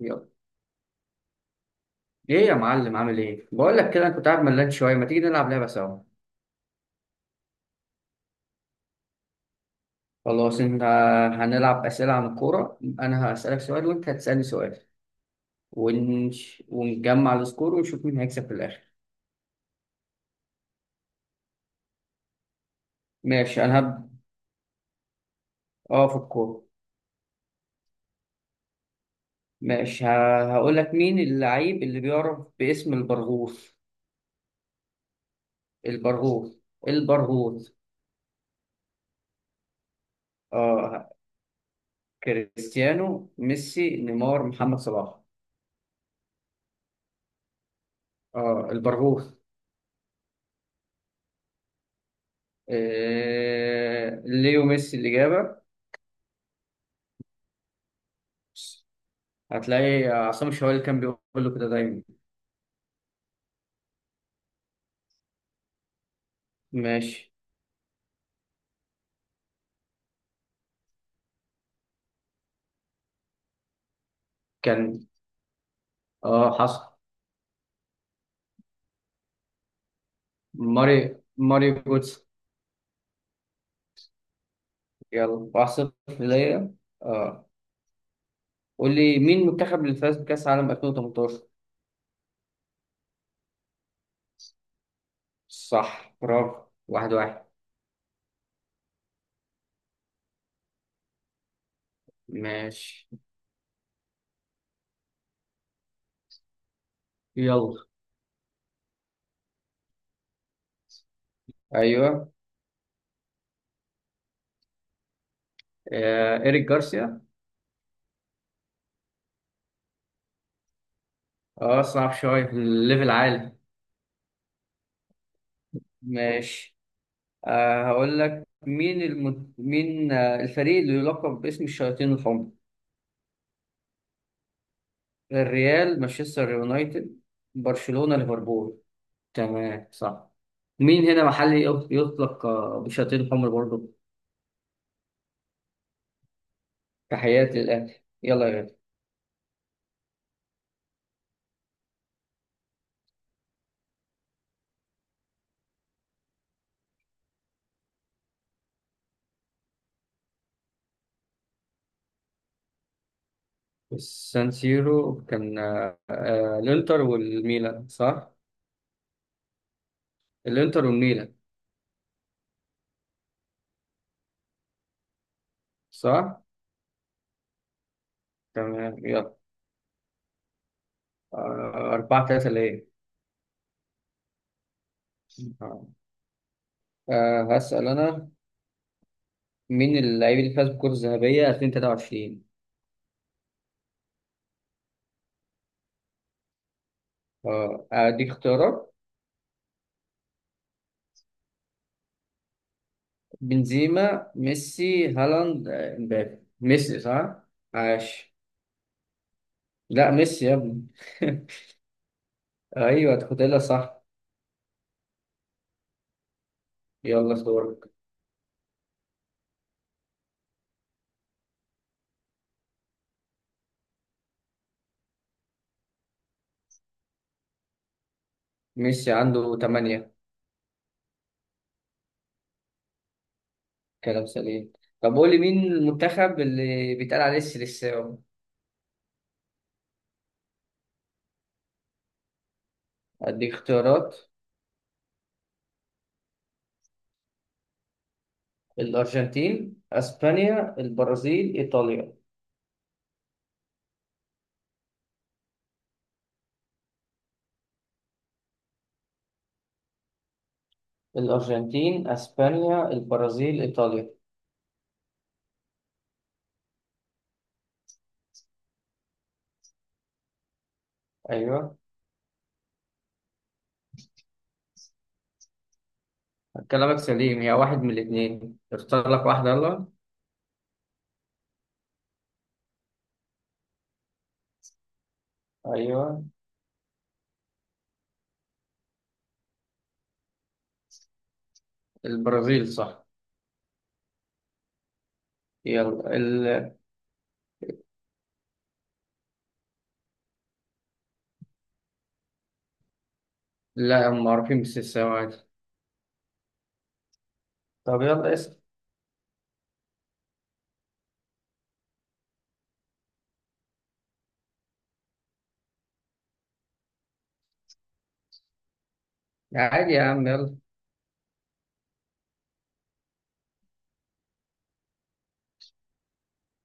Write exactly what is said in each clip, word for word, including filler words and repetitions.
يلا، ايه يا معلم؟ عامل ايه؟ بقول لك كده، انا كنت قاعد ملان شويه، ما تيجي نلعب لعبه سوا؟ خلاص انت، هنلعب اسئله عن الكوره. انا هسالك سؤال وانت هتسالني سؤال ونش... ونجمع السكور ونشوف مين هيكسب في الاخر. ماشي، انا هبدا. اه في الكوره. ماشي، ه... هقول لك، مين اللعيب اللي بيعرف باسم البرغوث؟ البرغوث. البرغوث. اه، كريستيانو، ميسي، نيمار، محمد صلاح. اه، البرغوث. آه... ليو ميسي الاجابه. هتلاقي عصام الشوالي كان بيقول له كده دايما. ماشي. كان اه حصل. ماري ماري جوتس. يلا، واحد صفر ليا. اه. قول لي، مين المنتخب اللي فاز بكأس العالم ألفين وتمنتاشر؟ صح، برافو، واحد واحد. ماشي، يلا. ايوه. آه إيريك جارسيا. اه، صعب شوية، الليفل عالي. ماشي. آه هقول لك، مين الم... مين آه الفريق اللي يلقب باسم الشياطين الحمر؟ الريال، مانشستر يونايتد، برشلونة، ليفربول. تمام، صح. مين هنا محلي يط- يطلق آه، بشياطين الحمر برضه؟ تحياتي للأهلي. يلا يا غالي. السان سيرو، كان آه، آه، الإنتر والميلان، صح؟ الإنتر والميلان. صح. تمام، يلا. آه، أربعة ثلاثة ليه. آه، آه، هسأل أنا. مين اللاعب اللي فاز بالكرة الذهبية ألفين وتلاتة وعشرين؟ آه، أديك اختيارات. بنزيما، ميسي، هالاند، آه، امبابي، ميسي، صح؟ عاش. لا، ميسي يا ابني. ايوه، تاخدها صح. يلا، دورك. ميسي عنده تمنية. كلام سليم. طب قول لي، مين المنتخب اللي بيتقال عليه السيليساو؟ اديك اختيارات. الارجنتين، اسبانيا، البرازيل، ايطاليا. الارجنتين، اسبانيا، البرازيل، ايطاليا. ايوه. كلامك سليم، هي واحد من الاثنين، اختار لك واحده. يلا. ايوه. البرازيل، صح. يلا ال... لا، هم معروفين بالسلسلة عادي. طب يلا اسأل. عادي يا عم، يلا.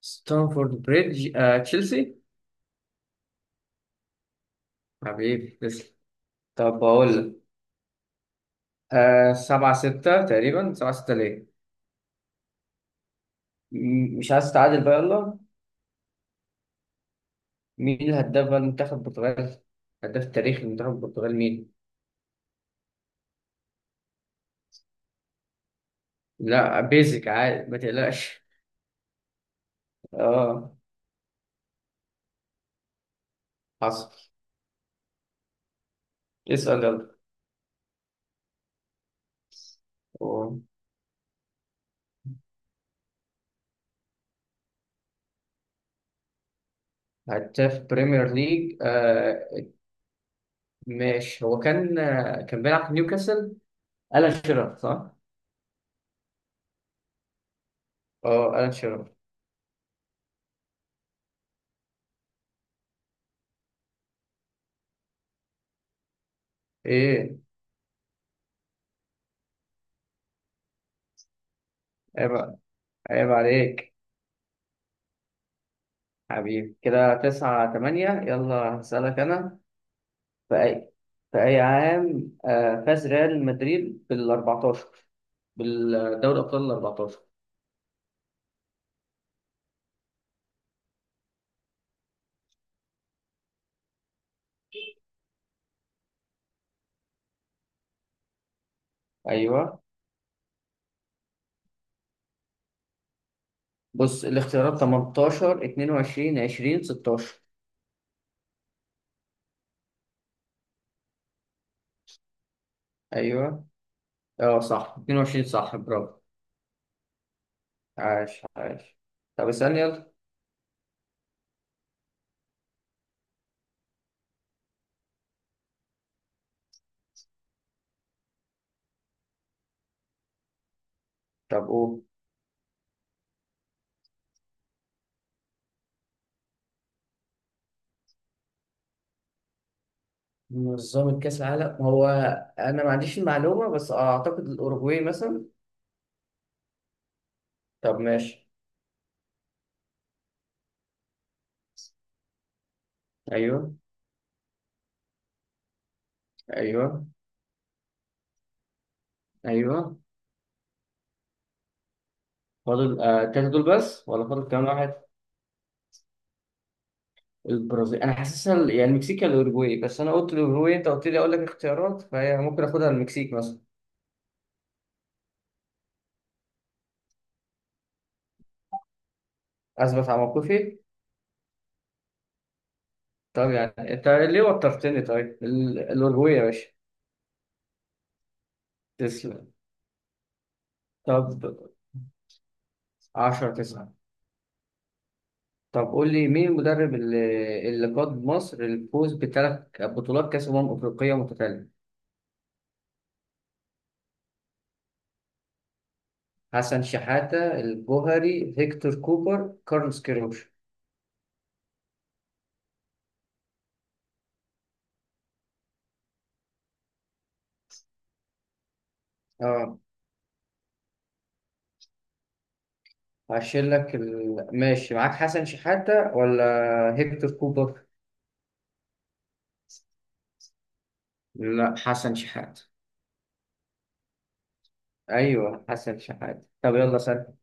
ستانفورد بريدج، آه تشيلسي. حبيبي، تسلم. طب بقول لك، آه سبعة ستة تقريبا، سبعة ستة ليه. م- مش عايز تتعادل بقى. يلا. مين الهداف بقى المنتخب البرتغال؟ هداف تاريخ المنتخب البرتغال مين؟ لا، بيزك عادي، ما تقلقش. اه، حصل. اسأل يلا. أوه. هداف بريمير ليج آه ماشي. هو كان آه كان بيلعب في نيوكاسل. ألان شيرر، صح؟ اه، ألان شيرر. ايه؟ عيب عيب عليك. حبيبي، كده تسعة تمانية. يلا هسألك أنا. في أي في أي عام آه، فاز ريال مدريد بال14، بالدوري أبطال ال14؟ أيوه. بص الاختيارات، تمنتاشر، اتنين وعشرين، عشرين، ستاشر. أيوه. اه، صح، اتنين وعشرين، صح، برافو، عاش عاش. طب اسألني يلا. طب قول. منظمة كأس العالم، هو أنا ما عنديش المعلومة، بس أعتقد الأوروجواي مثلا. طب ماشي. أيوه. أيوه. أيوه. فاضل آه، التلاتة دول بس ولا فاضل كمان واحد؟ البرازيل أنا حاسسها ال- يعني المكسيك يا الأوروجواي، بس أنا قلت الأوروجواي، أنت قلت لي أقول لك اختيارات، فهي ممكن آخدها المكسيك مثلا. أثبت على موقفي. طب يعني أنت ليه وترتني؟ طيب، ال- الأوروجواي يا باشا. تسلم. طب، عشرة تسعة. طب قول لي، مين المدرب اللي, اللي قاد مصر للفوز بثلاث بطولات كأس أمم أفريقية متتالية؟ حسن شحاتة، الجوهري، هيكتور كوبر، كارلوس كيروش. اه، هشيل لك ال... ماشي. معاك حسن شحاتة ولا هيكتور كوبر؟ لا، حسن شحاتة. أيوه حسن شحاتة. طب يلا سأل.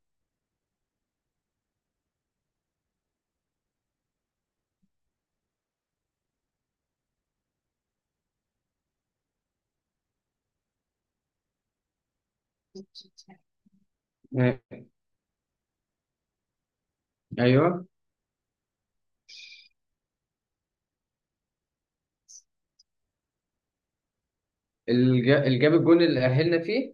آه، ايوه. اللي جا- اللي جاب الجون اللي أهلنا فيه.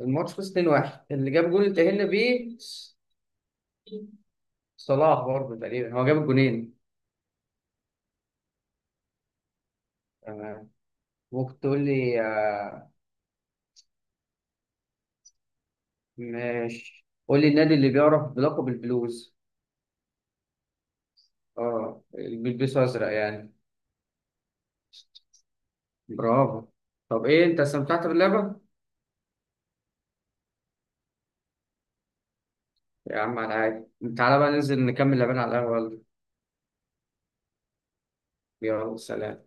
الماتش خلص اتنين واحد. اللي جاب الجون اللي تأهلنا بيه. صلاح برضه تقريبا، هو جاب الجونين. ممكن تقول لي آه، ماشي. قول لي، النادي اللي بيعرف بلقب البلوز. اه، اللي بيلبسوا ازرق يعني. برافو. طب ايه، انت استمتعت باللعبه؟ يا عم، على عادي. تعالى بقى ننزل نكمل لعبنا على القهوه. يلا سلام.